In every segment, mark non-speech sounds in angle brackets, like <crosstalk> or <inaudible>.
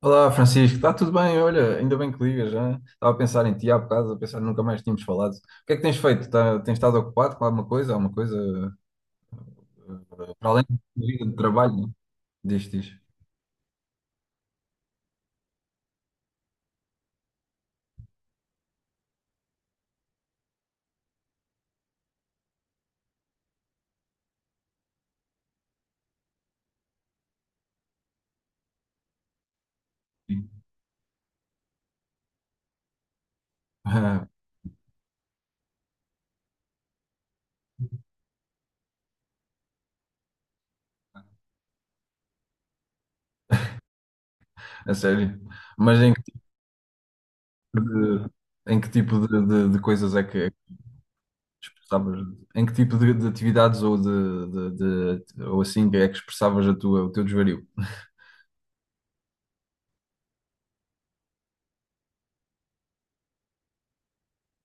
Olá, Francisco, está tudo bem? Olha, ainda bem que ligas, já. Estava a pensar em ti há bocado, a pensar nunca mais tínhamos falado. O que é que tens feito? Tens estado ocupado com alguma coisa? Alguma coisa eh, para além da tua vida de trabalho? Diz, diz. Sim. <laughs> A sério. Mas de, em que tipo de coisas é que expressavas? Em que tipo de atividades ou de ou assim é que expressavas o teu desvario? <laughs>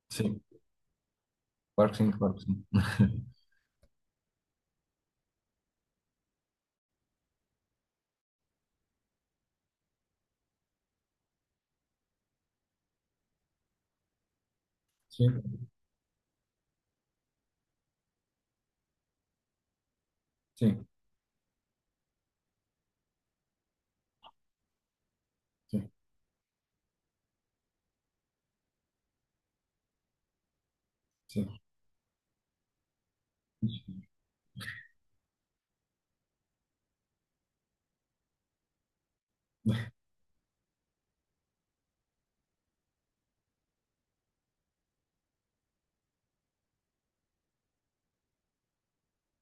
Sim. Claro que sim, claro que sim. <laughs> Sim, sim, sim, sim,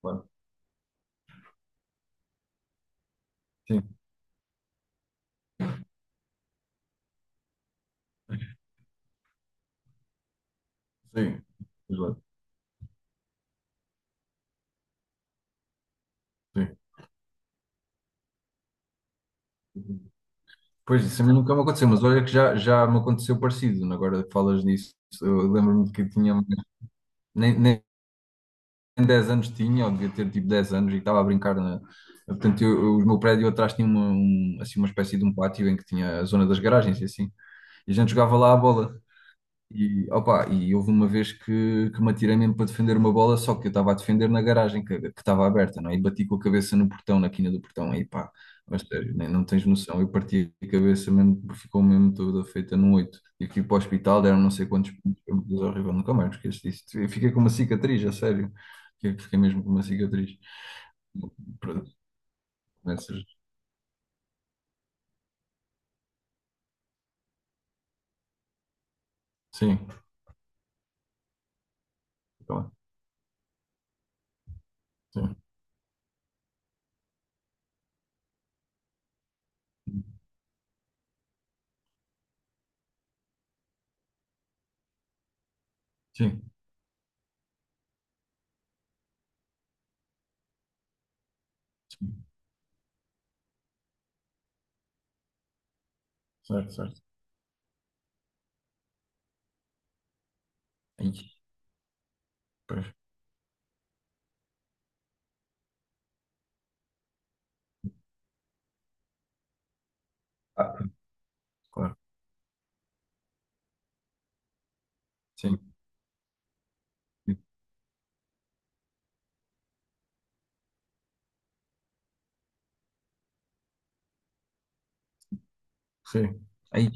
claro. Sim, sim. Pois, sim. Pois, isso a mim nunca me aconteceu, mas olha que já me aconteceu parecido, né? Agora que falas disso, eu lembro-me que tinha, nem 10 anos tinha, ou devia ter tipo 10 anos, e estava a brincar na. Portanto, o meu prédio atrás tinha assim, uma espécie de um pátio em que tinha a zona das garagens e assim. E a gente jogava lá a bola. E, opa, e houve uma vez que me atirei mesmo para defender uma bola, só que eu estava a defender na garagem que estava aberta, não é? E bati com a cabeça no portão, na quina do portão, aí pá, mas sério, nem, não tens noção. Eu parti a cabeça mesmo, ficou mesmo toda feita num oito, e que para o hospital, deram não sei quantos pontos, foi uma coisa horrível, nunca mais me esqueço disso. Eu fiquei com uma cicatriz, a sério. Fiquei mesmo com uma cicatriz. Pronto, nessas- Sim, claro, sim, sim, sim, certo, certo. Aí, pois, ah, claro, sim. Sim. Aí,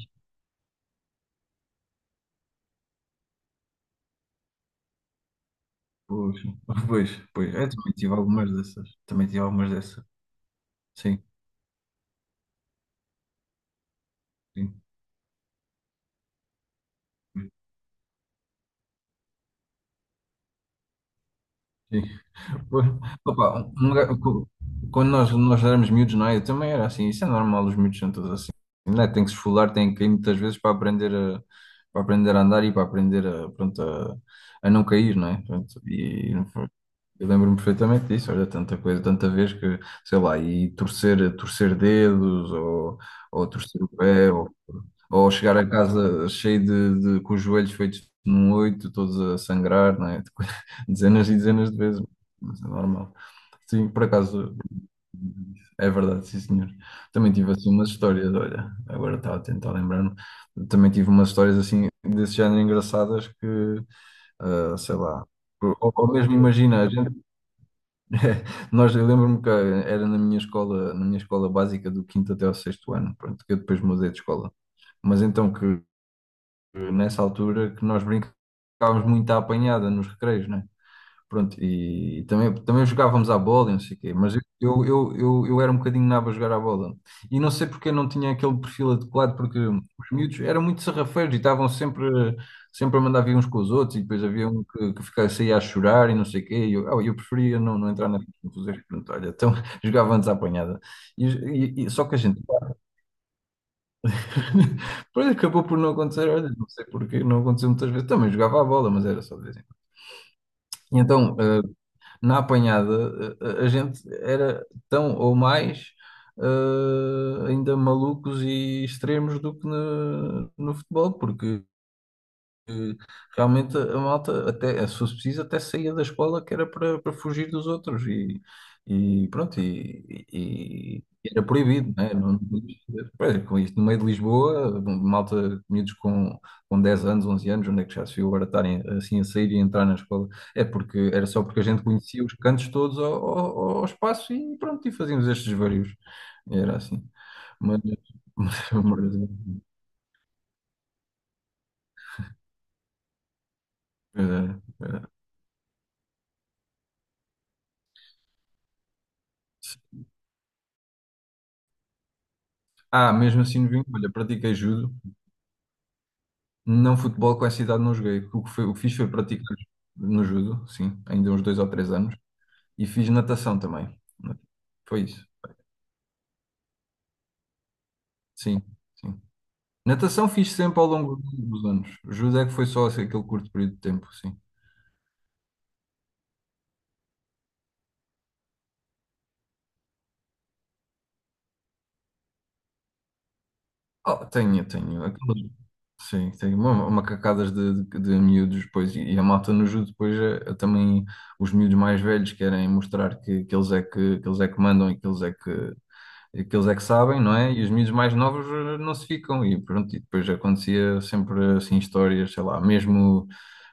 pois, <laughs> pois, pois. Eu também tive algumas dessas. Também tive algumas dessas. Sim, sim, sim. Pois, opa, quando nós éramos miúdos, não é? Eu também era assim. Isso é normal, os miúdos são todos assim. Não é? Tem que se esfolar, tem que ir muitas vezes para aprender a, andar e para aprender a, pronto, a não cair, não é? Pronto, e eu lembro-me perfeitamente disso, olha, tanta coisa, tanta vez que, sei lá, e torcer, torcer dedos, ou, torcer o pé, ou chegar a casa cheio com os joelhos feitos num oito, todos a sangrar, não é? <laughs> Dezenas e dezenas de vezes, mas é normal. Sim, por acaso, é verdade, sim senhor. Também tive assim umas histórias, olha, agora estava a tentar lembrar-me, também tive umas histórias assim, desse género engraçadas que, ah, sei lá, ou, mesmo imagina, a gente <laughs> eu lembro-me que era na minha escola básica do quinto até ao sexto ano, pronto, que eu depois mudei de escola. Mas então que nessa altura que nós brincávamos muito à apanhada nos recreios, né? Pronto, e também jogávamos à bola e não sei o quê, mas eu era um bocadinho nabo a jogar à bola. E não sei porque eu não tinha aquele perfil adequado, porque os miúdos eram muito sarrafeiros e estavam sempre a mandar vir uns com os outros, e depois havia um que ficava, saía a chorar e não sei o quê, e eu preferia não entrar na confusão. Pronto, olha, então <laughs> jogávamos à apanhada. Só que a gente, <laughs> pois acabou por não acontecer, olha, não sei porquê não aconteceu muitas vezes. Também jogava à bola, mas era só de vez em quando. E então, na apanhada, a gente era tão ou mais ainda malucos e extremos do que no futebol, porque que realmente a malta, até, se fosse preciso, até saía da escola que era para, fugir dos outros e pronto, e era proibido, né? Não, não podias fazer. Pois, com isto, no meio de Lisboa, malta, miúdos com 10 anos, 11 anos, onde é que já se viu agora estarem assim a sair e entrar na escola? É porque era só porque a gente conhecia os cantos todos ao, ao espaço e pronto, e fazíamos estes vários. Era assim. Mas, <laughs> mas, mas, é, é. É, ah, mesmo assim no vinho, olha, pratiquei judo, não futebol com essa idade não joguei. O que fiz foi praticar no judo, sim, ainda uns 2 ou 3 anos, e fiz natação também. Foi isso, sim, sim. Natação fiz sempre ao longo dos anos. Judo é que foi só assim, aquele curto período de tempo, sim. Oh, tenho, tenho. Sim, tenho macacadas de miúdos depois e, a malta no judo depois é também os miúdos mais velhos querem mostrar que, que eles é que mandam e que eles é que sabem, não é? E os miúdos mais novos não se ficam. E pronto, e depois acontecia sempre assim histórias, sei lá, mesmo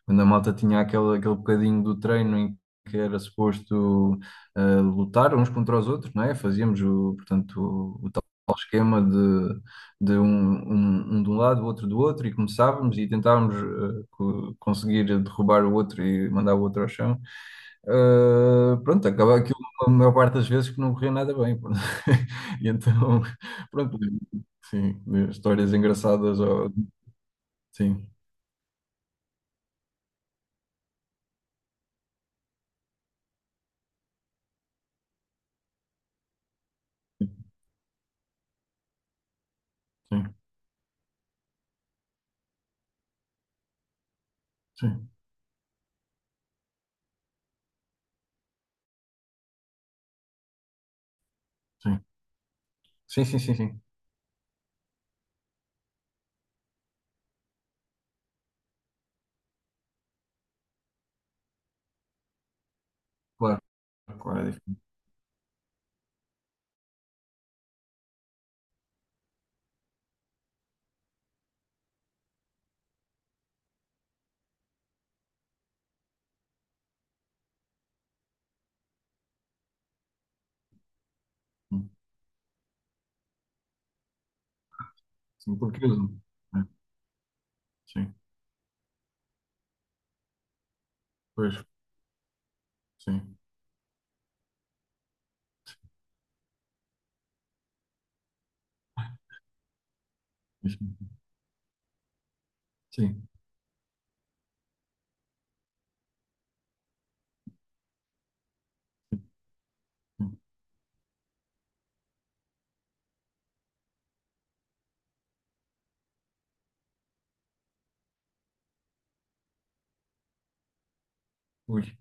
quando a malta tinha aquele bocadinho do treino em que era suposto lutar uns contra os outros, não é? Portanto, o tal esquema de um, de um lado, o outro do outro, e começávamos e tentávamos conseguir derrubar o outro e mandar o outro ao chão. Pronto, acaba aquilo a maior parte das vezes que não corria nada bem, pronto. <laughs> E então, <laughs> pronto, sim, histórias engraçadas, sim, sim, sim, sim, sim, sim, sim, sim, claro, claro, é difícil, sim, porque eu, sim, pois, sim, sim, sim, sim. Ui.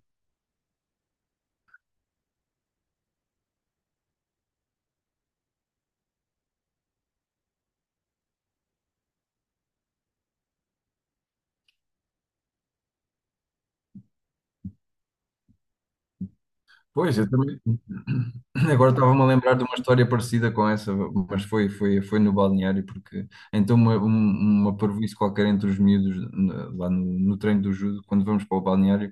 Pois, eu também. <clears throat> Agora estava-me a lembrar de uma história parecida com essa, mas foi no balneário, porque então uma parvoíce qualquer entre os miúdos lá no treino do judo, quando vamos para o balneário,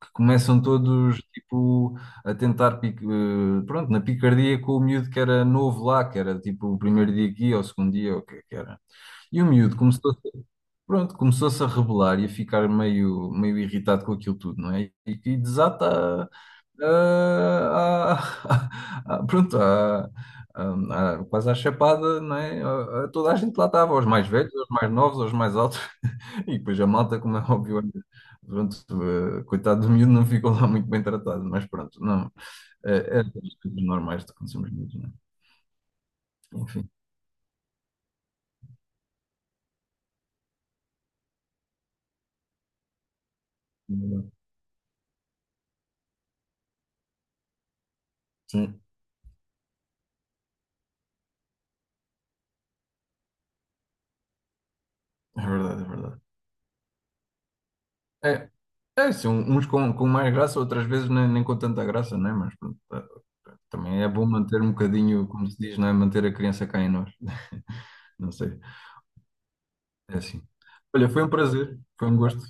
que começam todos tipo a tentar, pronto, na picardia com o miúdo que era novo lá, que era tipo o primeiro dia aqui ou o segundo dia, ou o que é que era. E o miúdo começou pronto, começou-se a rebelar e a ficar meio irritado com aquilo tudo, não é? E desata <laughs> pronto, quase à chapada, não é? A toda a gente lá estava, aos mais velhos, aos mais novos, aos mais altos, <laughs> e depois a malta, como é óbvio, olha, pronto, coitado do miúdo, não ficou lá muito bem tratado, mas pronto, não, é, é das coisas normais que acontecemos miúdos, não é? Enfim, sim, é verdade, é verdade. É, é, sim, uns com, mais graça, outras vezes nem com tanta graça, né? Mas pronto, também é bom manter um bocadinho, como se diz, não é? Manter a criança cá em nós. <laughs> Não sei, é assim. Olha, foi um prazer, foi um gosto.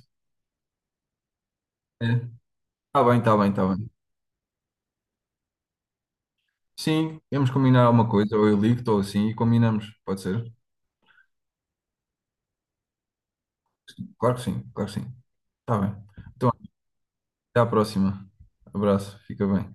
É. Tá bem, tá bem, tá bem. Sim, vamos combinar alguma coisa, ou eu ligo, ou assim, e combinamos, pode ser? Claro que sim, claro que sim. Tá bem. Então, até à próxima. Abraço, fica bem.